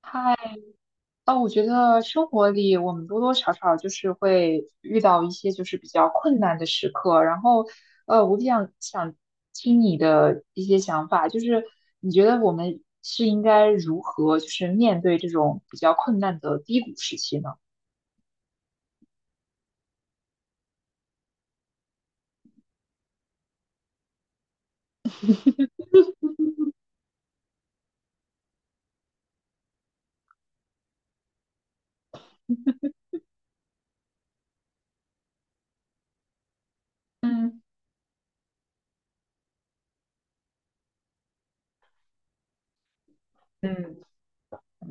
嗨，哦，我觉得生活里我们多多少少就是会遇到一些就是比较困难的时刻，然后，我比较想听你的一些想法，就是你觉得我们是应该如何就是面对这种比较困难的低谷时期呢？嗯嗯。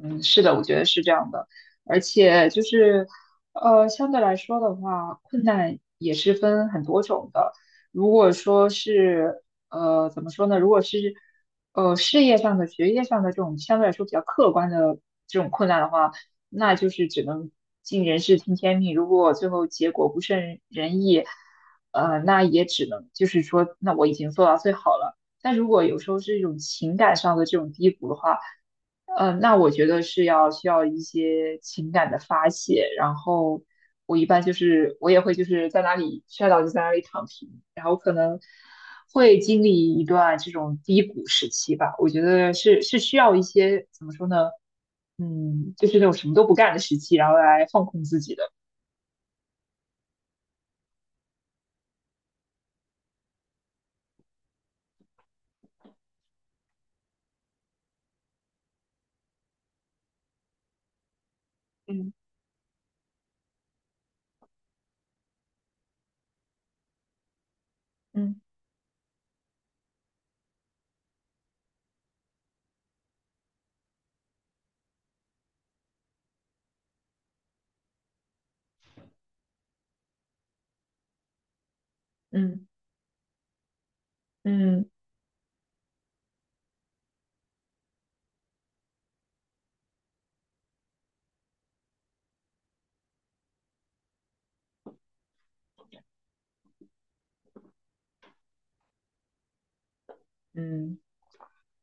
嗯，是的，我觉得是这样的，而且就是，相对来说的话，困难也是分很多种的。如果说是，怎么说呢？如果是，事业上的、学业上的这种相对来说比较客观的这种困难的话，那就是只能尽人事听天命。如果最后结果不甚人意，那也只能就是说，那我已经做到最好了。但如果有时候是一种情感上的这种低谷的话，那我觉得是要需要一些情感的发泄，然后我一般就是我也会就是在哪里摔倒就在哪里躺平，然后可能会经历一段这种低谷时期吧。我觉得是需要一些怎么说呢？嗯，就是那种什么都不干的时期，然后来放空自己的。嗯嗯嗯嗯嗯，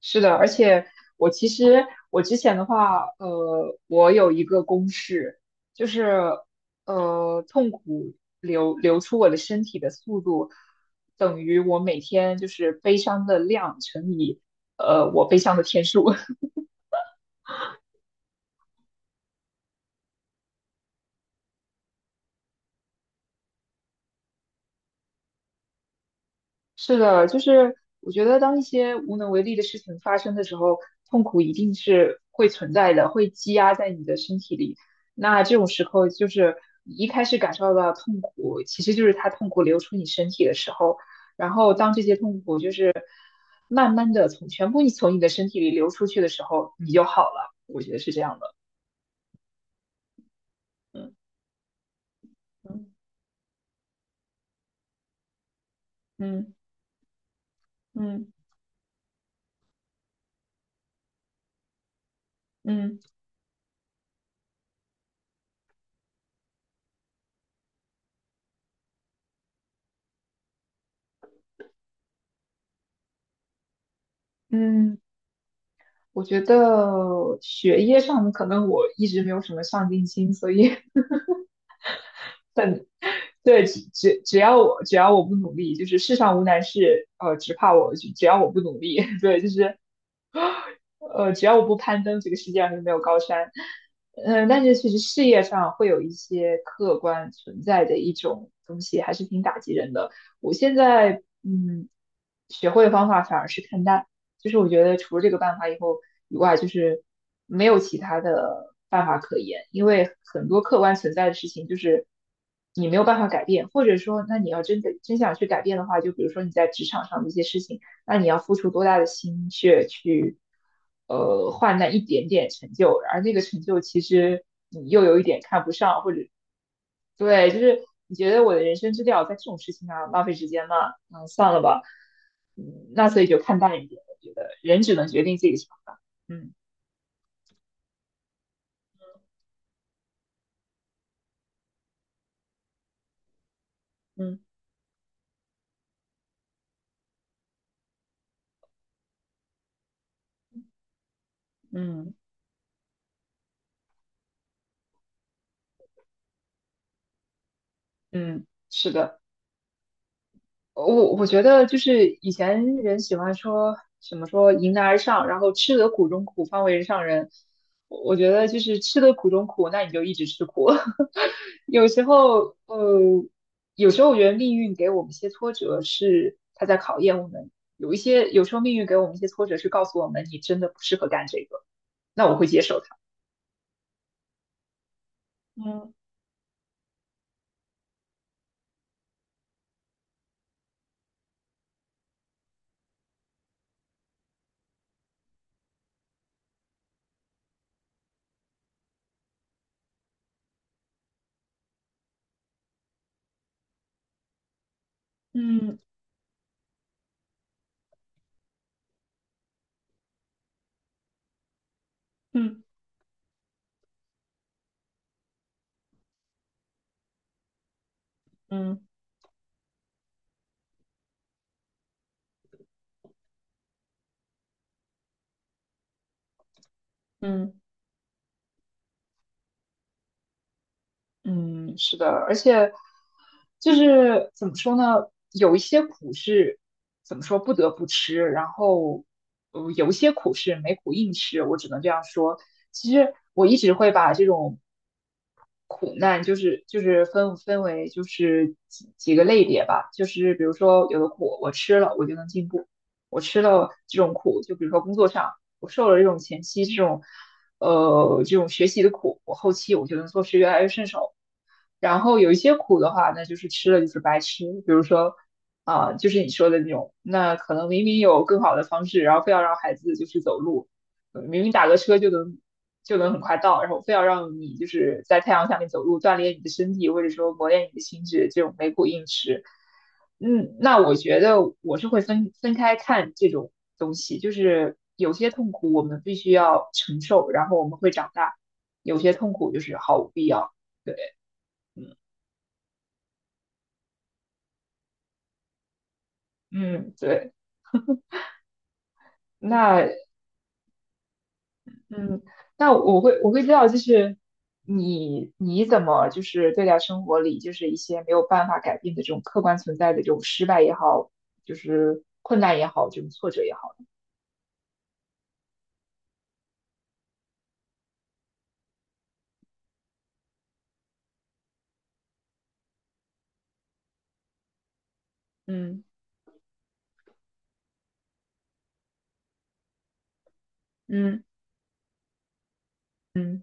是的，而且我其实我之前的话，我有一个公式，就是痛苦流出我的身体的速度等于我每天就是悲伤的量乘以我悲伤的天数。是的，就是我觉得当一些无能为力的事情发生的时候，痛苦一定是会存在的，会积压在你的身体里。那这种时候，就是你一开始感受到痛苦，其实就是它痛苦流出你身体的时候，然后当这些痛苦就是慢慢的从全部你从你的身体里流出去的时候，你就好了。我觉得是这样的。嗯嗯嗯嗯嗯嗯。我觉得学业上可能我一直没有什么上进心，所以 对，只要我不努力，就是世上无难事，只要我不努力，对，就是只要我不攀登，这个世界上就没有高山。嗯，但是其实事业上会有一些客观存在的一种东西，还是挺打击人的。我现在嗯，学会的方法反而是看淡，就是我觉得除了这个办法以外，就是没有其他的办法可言，因为很多客观存在的事情就是你没有办法改变，或者说，那你要真想去改变的话，就比如说你在职场上的一些事情。那你要付出多大的心血去，换那一点点成就，而那个成就其实你又有一点看不上，或者，对，就是你觉得我的人生之料在这种事情上浪费时间吗？嗯，算了吧，嗯，那所以就看淡一点，我觉得人只能决定自己的想法，嗯嗯嗯嗯，是的。我觉得就是以前人喜欢说什么说迎难而上，然后吃得苦中苦，方为人上人。我觉得就是吃得苦中苦，那你就一直吃苦。有时候，有时候我觉得命运给我们一些挫折，是他在考验我们。有一些，有时候命运给我们一些挫折，是告诉我们你真的不适合干这个。那我会接受它。嗯嗯嗯嗯嗯。嗯，是的，而且就是怎么说呢，有一些苦是怎么说不得不吃，然后有一些苦是没苦硬吃，我只能这样说。其实我一直会把这种苦难，就是分为就是几个类别吧，就是比如说有的苦我吃了我就能进步，我吃了这种苦，就比如说工作上我受了这种前期这种。这种学习的苦，我后期我就能做事越来越顺手。然后有一些苦的话，那就是吃了就是白吃。比如说，啊、就是你说的那种，那可能明明有更好的方式，然后非要让孩子就是走路，呃明明打个车就能很快到，然后非要让你就是在太阳下面走路，锻炼你的身体，或者说磨练你的心智，这种没苦硬吃。嗯，那我觉得我是会分开看这种东西，就是有些痛苦我们必须要承受，然后我们会长大；有些痛苦就是毫无必要。对。嗯。嗯，对，那嗯，那我会知道，就是你怎么就是对待生活里就是一些没有办法改变的这种客观存在的这种失败也好，就是困难也好，这种挫折也好，嗯嗯嗯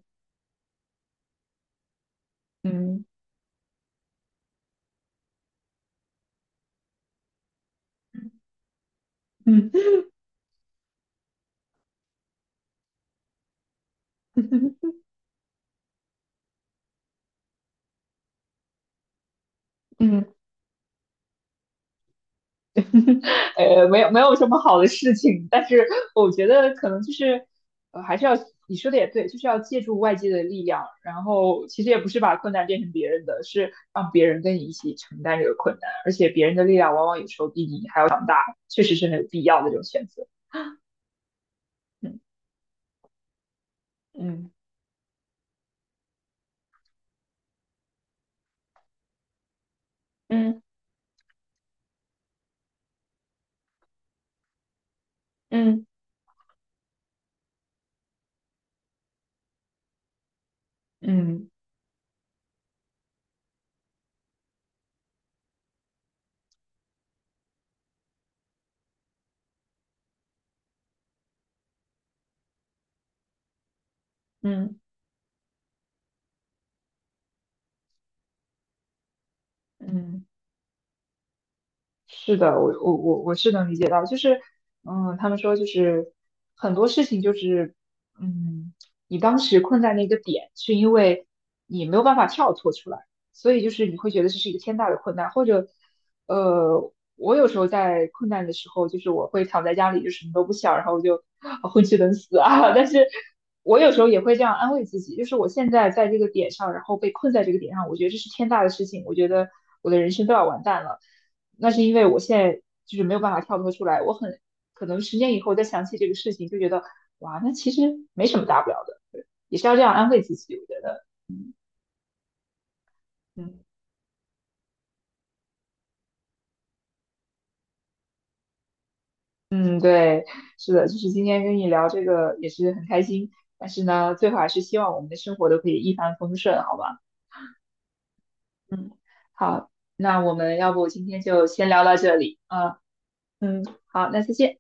嗯。嗯。嗯。没有什么好的事情，但是我觉得可能就是，还是要你说的也对，就是要借助外界的力量，然后其实也不是把困难变成别人的，是让别人跟你一起承担这个困难，而且别人的力量往往有时候比你还要强大，确实是很有必要的这种选择。嗯嗯嗯嗯嗯嗯嗯。嗯嗯嗯是的，我是能理解到，就是，嗯，他们说就是很多事情就是，嗯，你当时困在那个点，是因为你没有办法跳脱出来，所以就是你会觉得这是一个天大的困难，或者，我有时候在困难的时候，就是我会躺在家里就什么都不想，然后我就啊混吃等 死啊，但是我有时候也会这样安慰自己，就是我现在在这个点上，然后被困在这个点上，我觉得这是天大的事情，我觉得我的人生都要完蛋了。那是因为我现在就是没有办法跳脱出来，我很可能10年以后再想起这个事情，就觉得哇，那其实没什么大不了的，对也是要这样安慰自己，我觉得，嗯嗯，对，是的，就是今天跟你聊这个也是很开心，但是呢，最后还是希望我们的生活都可以一帆风顺，好吧？嗯，好，那我们要不今天就先聊到这里，啊，嗯，好，那再见。